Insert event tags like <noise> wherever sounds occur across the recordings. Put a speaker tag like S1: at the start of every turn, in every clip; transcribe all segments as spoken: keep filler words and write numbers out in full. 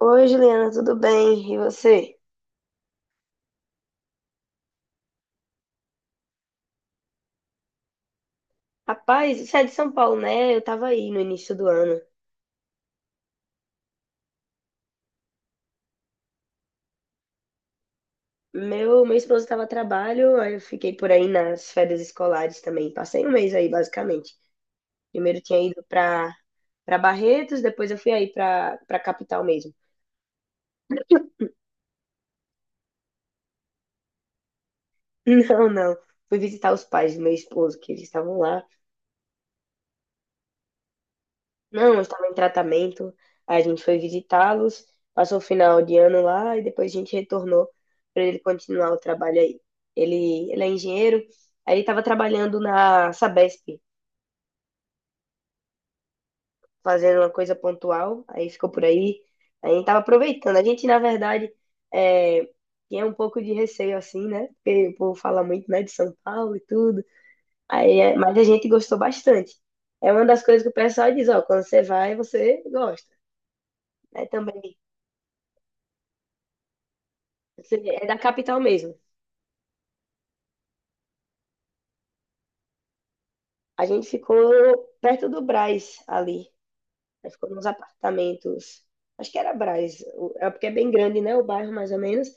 S1: Oi, Juliana, tudo bem? E você? Rapaz, você é de São Paulo, né? Eu tava aí no início do ano. Meu, meu esposo estava a trabalho, aí eu fiquei por aí nas férias escolares também. Passei um mês aí, basicamente. Primeiro eu tinha ido pra, pra Barretos, depois eu fui aí pra, pra capital mesmo. <laughs> Não, não. Fui visitar os pais do meu esposo, que eles estavam lá. Não, eu estava em tratamento, a gente foi visitá-los, passou o final de ano lá e depois a gente retornou para ele continuar o trabalho aí. Ele, ele é engenheiro, aí ele estava trabalhando na Sabesp, fazendo uma coisa pontual, aí ficou por aí, aí a gente estava aproveitando. A gente, na verdade, é, tinha um pouco de receio assim, né? Porque o povo fala muito, né, de São Paulo e tudo, aí, é- mas a gente gostou bastante. É uma das coisas que o pessoal diz, ó, quando você vai, você gosta né? Também Você- É da capital mesmo. A gente ficou perto do Brás ali. Aí ficou nos apartamentos. Acho que era Brás. o- É porque é bem grande, né? O bairro, mais ou menos.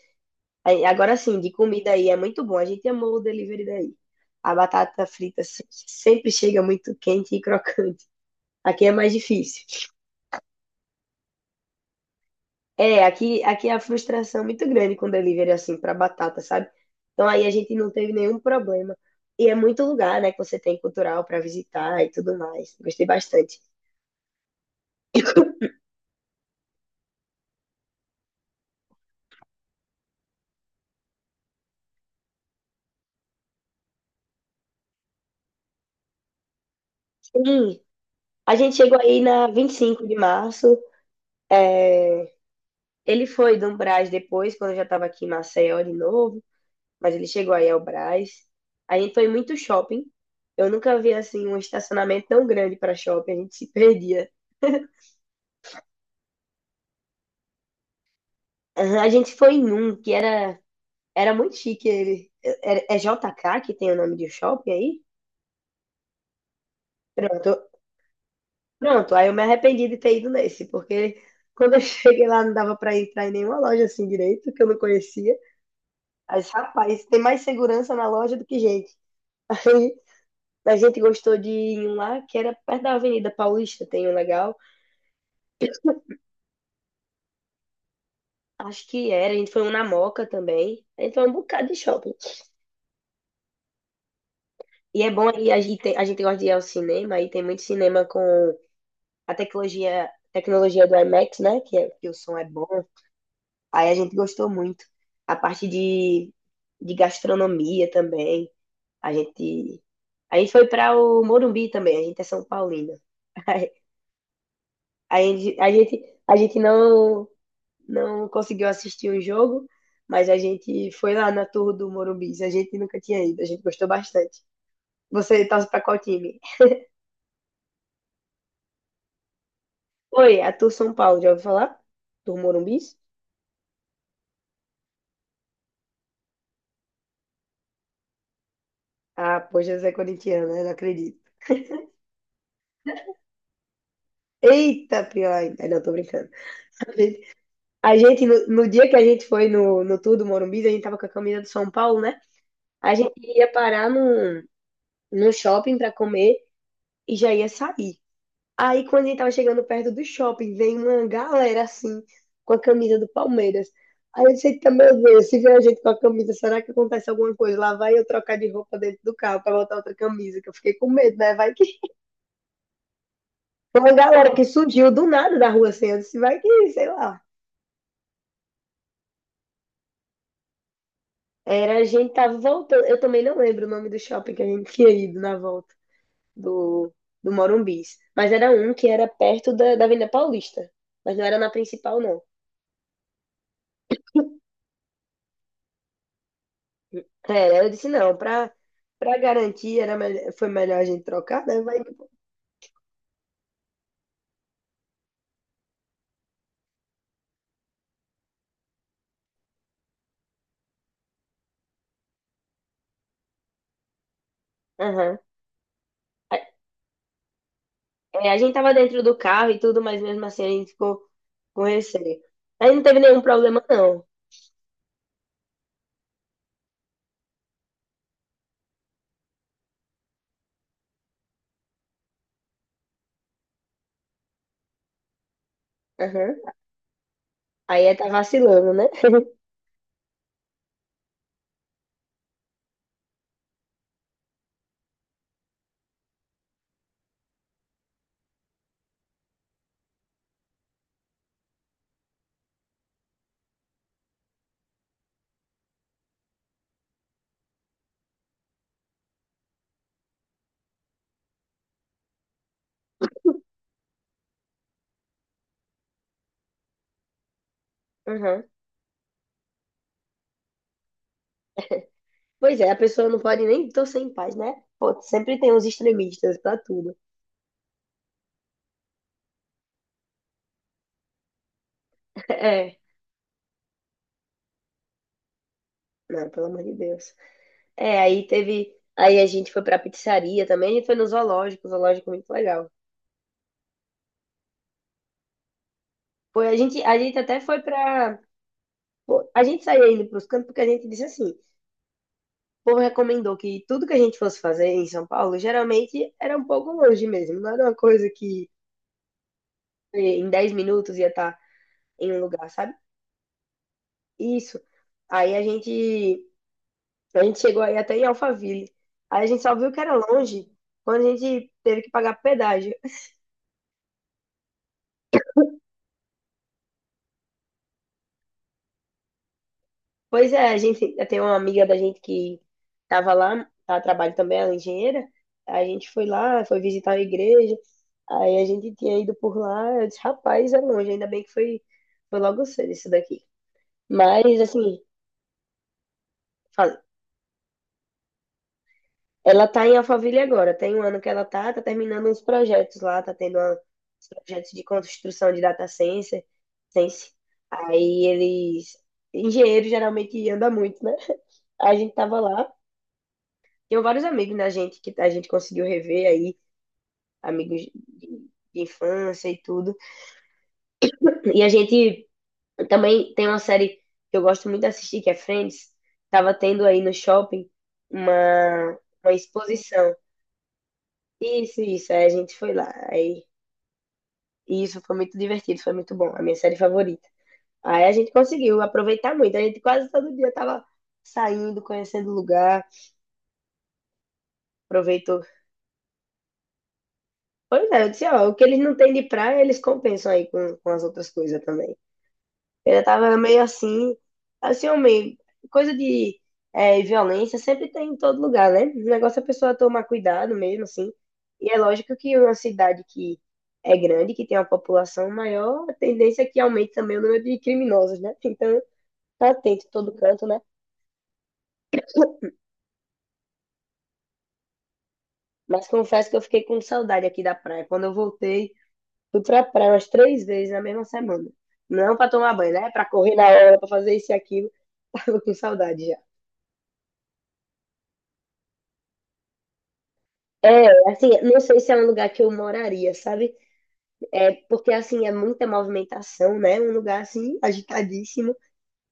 S1: Aí, agora sim, de comida aí é muito bom. A gente amou o delivery daí. A batata frita se- sempre chega muito quente e crocante. Aqui é mais difícil. É, aqui, aqui é a frustração é muito grande com delivery assim para batata, sabe? Então aí a gente não teve nenhum problema. E é muito lugar, né, que você tem cultural para visitar e tudo mais. Gostei bastante. Sim, a gente chegou aí na vinte e cinco de março. é, Ele foi do Brás depois, quando eu já estava aqui em Maceió de novo, mas ele chegou aí ao Brás. A gente foi muito shopping. Eu nunca vi assim um estacionamento tão grande para shopping, a gente se perdia. Aham, a gente foi em um que era, era muito chique ele. É, é J K que tem o nome de shopping aí? Pronto, pronto. Aí eu me arrependi de ter ido nesse, porque quando eu <laughs> cheguei lá não dava para entrar em nenhuma loja assim direito, que eu não conhecia. Aí, rapaz, tem mais segurança na loja do que gente. <laughs> Aí a gente gostou de ir em um lá que era perto da Avenida Paulista, tem um legal. Acho que era, a gente foi um na Moca também. A gente foi um bocado de shopping. E é bom aí, a gente, tem- a gente gosta de ir ao cinema, aí tem muito cinema com a tecnologia, tecnologia do IMAX, né? Que, é- que o som é bom. Aí a gente gostou muito. A parte de, de gastronomia também. A gente, a gente foi para o Morumbi também, a gente é São Paulino. <laughs> Aí a gente, a gente não, não conseguiu assistir o jogo, mas a gente foi lá na Tour do Morumbi. A gente nunca tinha ido, a gente gostou bastante. Você torce pra qual time? Oi, a Tour São Paulo, já ouviu falar? Tour Morumbi? Ah, poxa, você é corintiano, né? Não acredito. Eita, pior ainda. Ai, Não, tô brincando. A gente, a gente, no, no dia que a gente foi no, no tour do Morumbi, a gente tava com a camisa do São Paulo, né? A gente ia parar num, num shopping pra comer e já ia sair. Aí, quando a gente tava chegando perto do shopping, vem uma galera assim, com a camisa do Palmeiras. Aí eu disse, "Eita, meu Deus, se vier a gente com a camisa, será que acontece alguma coisa? Lá vai eu trocar de roupa dentro do carro pra botar outra camisa, que eu fiquei com medo, né? Vai que." Uma galera que surgiu do nada da rua assim, eu disse, vai que, sei lá. Era, a gente tava voltando. Eu também não lembro o nome do shopping que a gente tinha ido na volta do, do Morumbis. Mas era um que era perto da, da Avenida Paulista. Mas não era na principal, não. É, eu disse, não, pra, pra garantir era melhor, foi melhor a gente trocar, né? Vai... Aham. É, a gente tava dentro do carro e tudo, mas mesmo assim a gente ficou com receio. Aí não teve nenhum problema, não. Aham. Aí é tá vacilando, né? Aham. Pois é, a pessoa não pode nem torcer em paz, né? Pô, sempre tem uns extremistas pra tudo. <laughs> É. Não, pelo amor de Deus. É, aí teve. Aí a gente foi pra pizzaria também, a gente foi no zoológico, o zoológico é muito legal. Foi, a gente, a gente até foi pra Pô, a gente saía indo para os cantos porque a gente disse assim, o povo recomendou que tudo que a gente fosse fazer em São Paulo, geralmente era um pouco longe mesmo, não era uma coisa que eh, em dez minutos ia estar em um lugar, sabe? Isso. Aí a gente, a gente chegou aí até em Alphaville. Aí a gente só viu que era longe quando a gente teve que pagar pedágio. Pois é, a gente, eu tenho uma amiga da gente que estava lá, ela trabalha também, ela é engenheira. A gente foi lá, foi visitar a igreja. Aí a gente tinha ido por lá. Eu disse, rapaz, é longe, ainda bem que foi, foi logo cedo isso daqui. Mas, assim, fala- ela tá em Alphaville agora. Tem um ano que ela tá, tá terminando uns projetos lá, tá tendo uma- uns projetos de construção de data science. science. Aí eles, engenheiro geralmente anda muito, né? A gente tava lá. Tenho vários amigos da gente que a gente conseguiu rever aí, amigos de de infância e tudo. E a gente também tem uma série que eu gosto muito de assistir, que é Friends. Tava tendo aí no shopping uma, uma exposição. Isso, isso. Aí a gente foi lá. Aí, e isso foi muito divertido, foi muito bom. A minha série favorita. Aí a gente conseguiu aproveitar muito. A gente quase todo dia tava saindo, conhecendo o lugar, aproveitou. Pois é, eu disse, ó, o que eles não têm de praia, eles compensam aí com, com as outras coisas também. Ele tava meio assim, assim, homem, coisa de é, violência sempre tem em todo lugar, né? O negócio é a pessoa tomar cuidado mesmo, assim. E é lógico que uma cidade que é grande, que tem uma população maior, a tendência é que aumente também o número de criminosos, né? <laughs> Então, tá atento em todo canto, né? Mas confesso que eu fiquei com saudade aqui da praia. Quando eu voltei, fui pra praia umas três vezes na mesma semana. Não pra tomar banho, né? Pra correr na hora, pra fazer isso e aquilo. <laughs> Tava com saudade já. É, assim, não sei se é um lugar que eu moraria, sabe? É porque assim é muita movimentação, né? Um lugar assim agitadíssimo.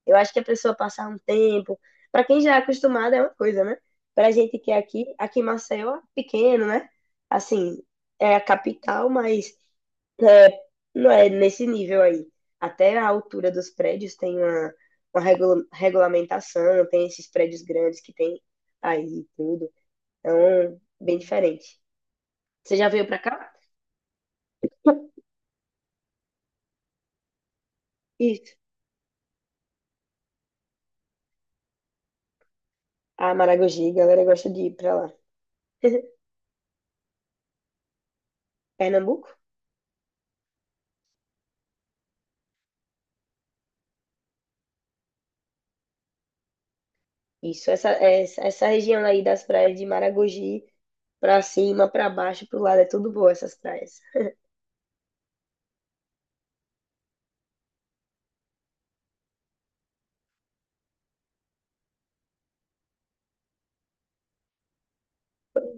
S1: Eu acho que a pessoa passar um tempo, para quem já é acostumado é uma coisa, né? Pra gente que é aqui, aqui em Maceió é pequeno, né? Assim, é a capital, mas é, não é nesse nível aí. Até a altura dos prédios tem uma, uma regula- regulamentação, tem esses prédios grandes que tem aí e tudo. Então, bem diferente. Você já veio pra cá? <laughs> Isso. Ah, Maragogi, a galera gosta de ir pra lá. <laughs> Pernambuco? Isso, essa, essa, essa região aí das praias de Maragogi, pra cima, pra baixo, pro lado, é tudo boa essas praias.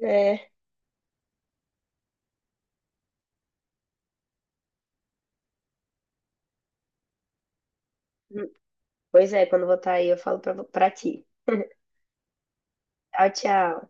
S1: É, pois é, quando eu voltar aí eu falo pra, pra ti. <laughs> Tchau, tchau.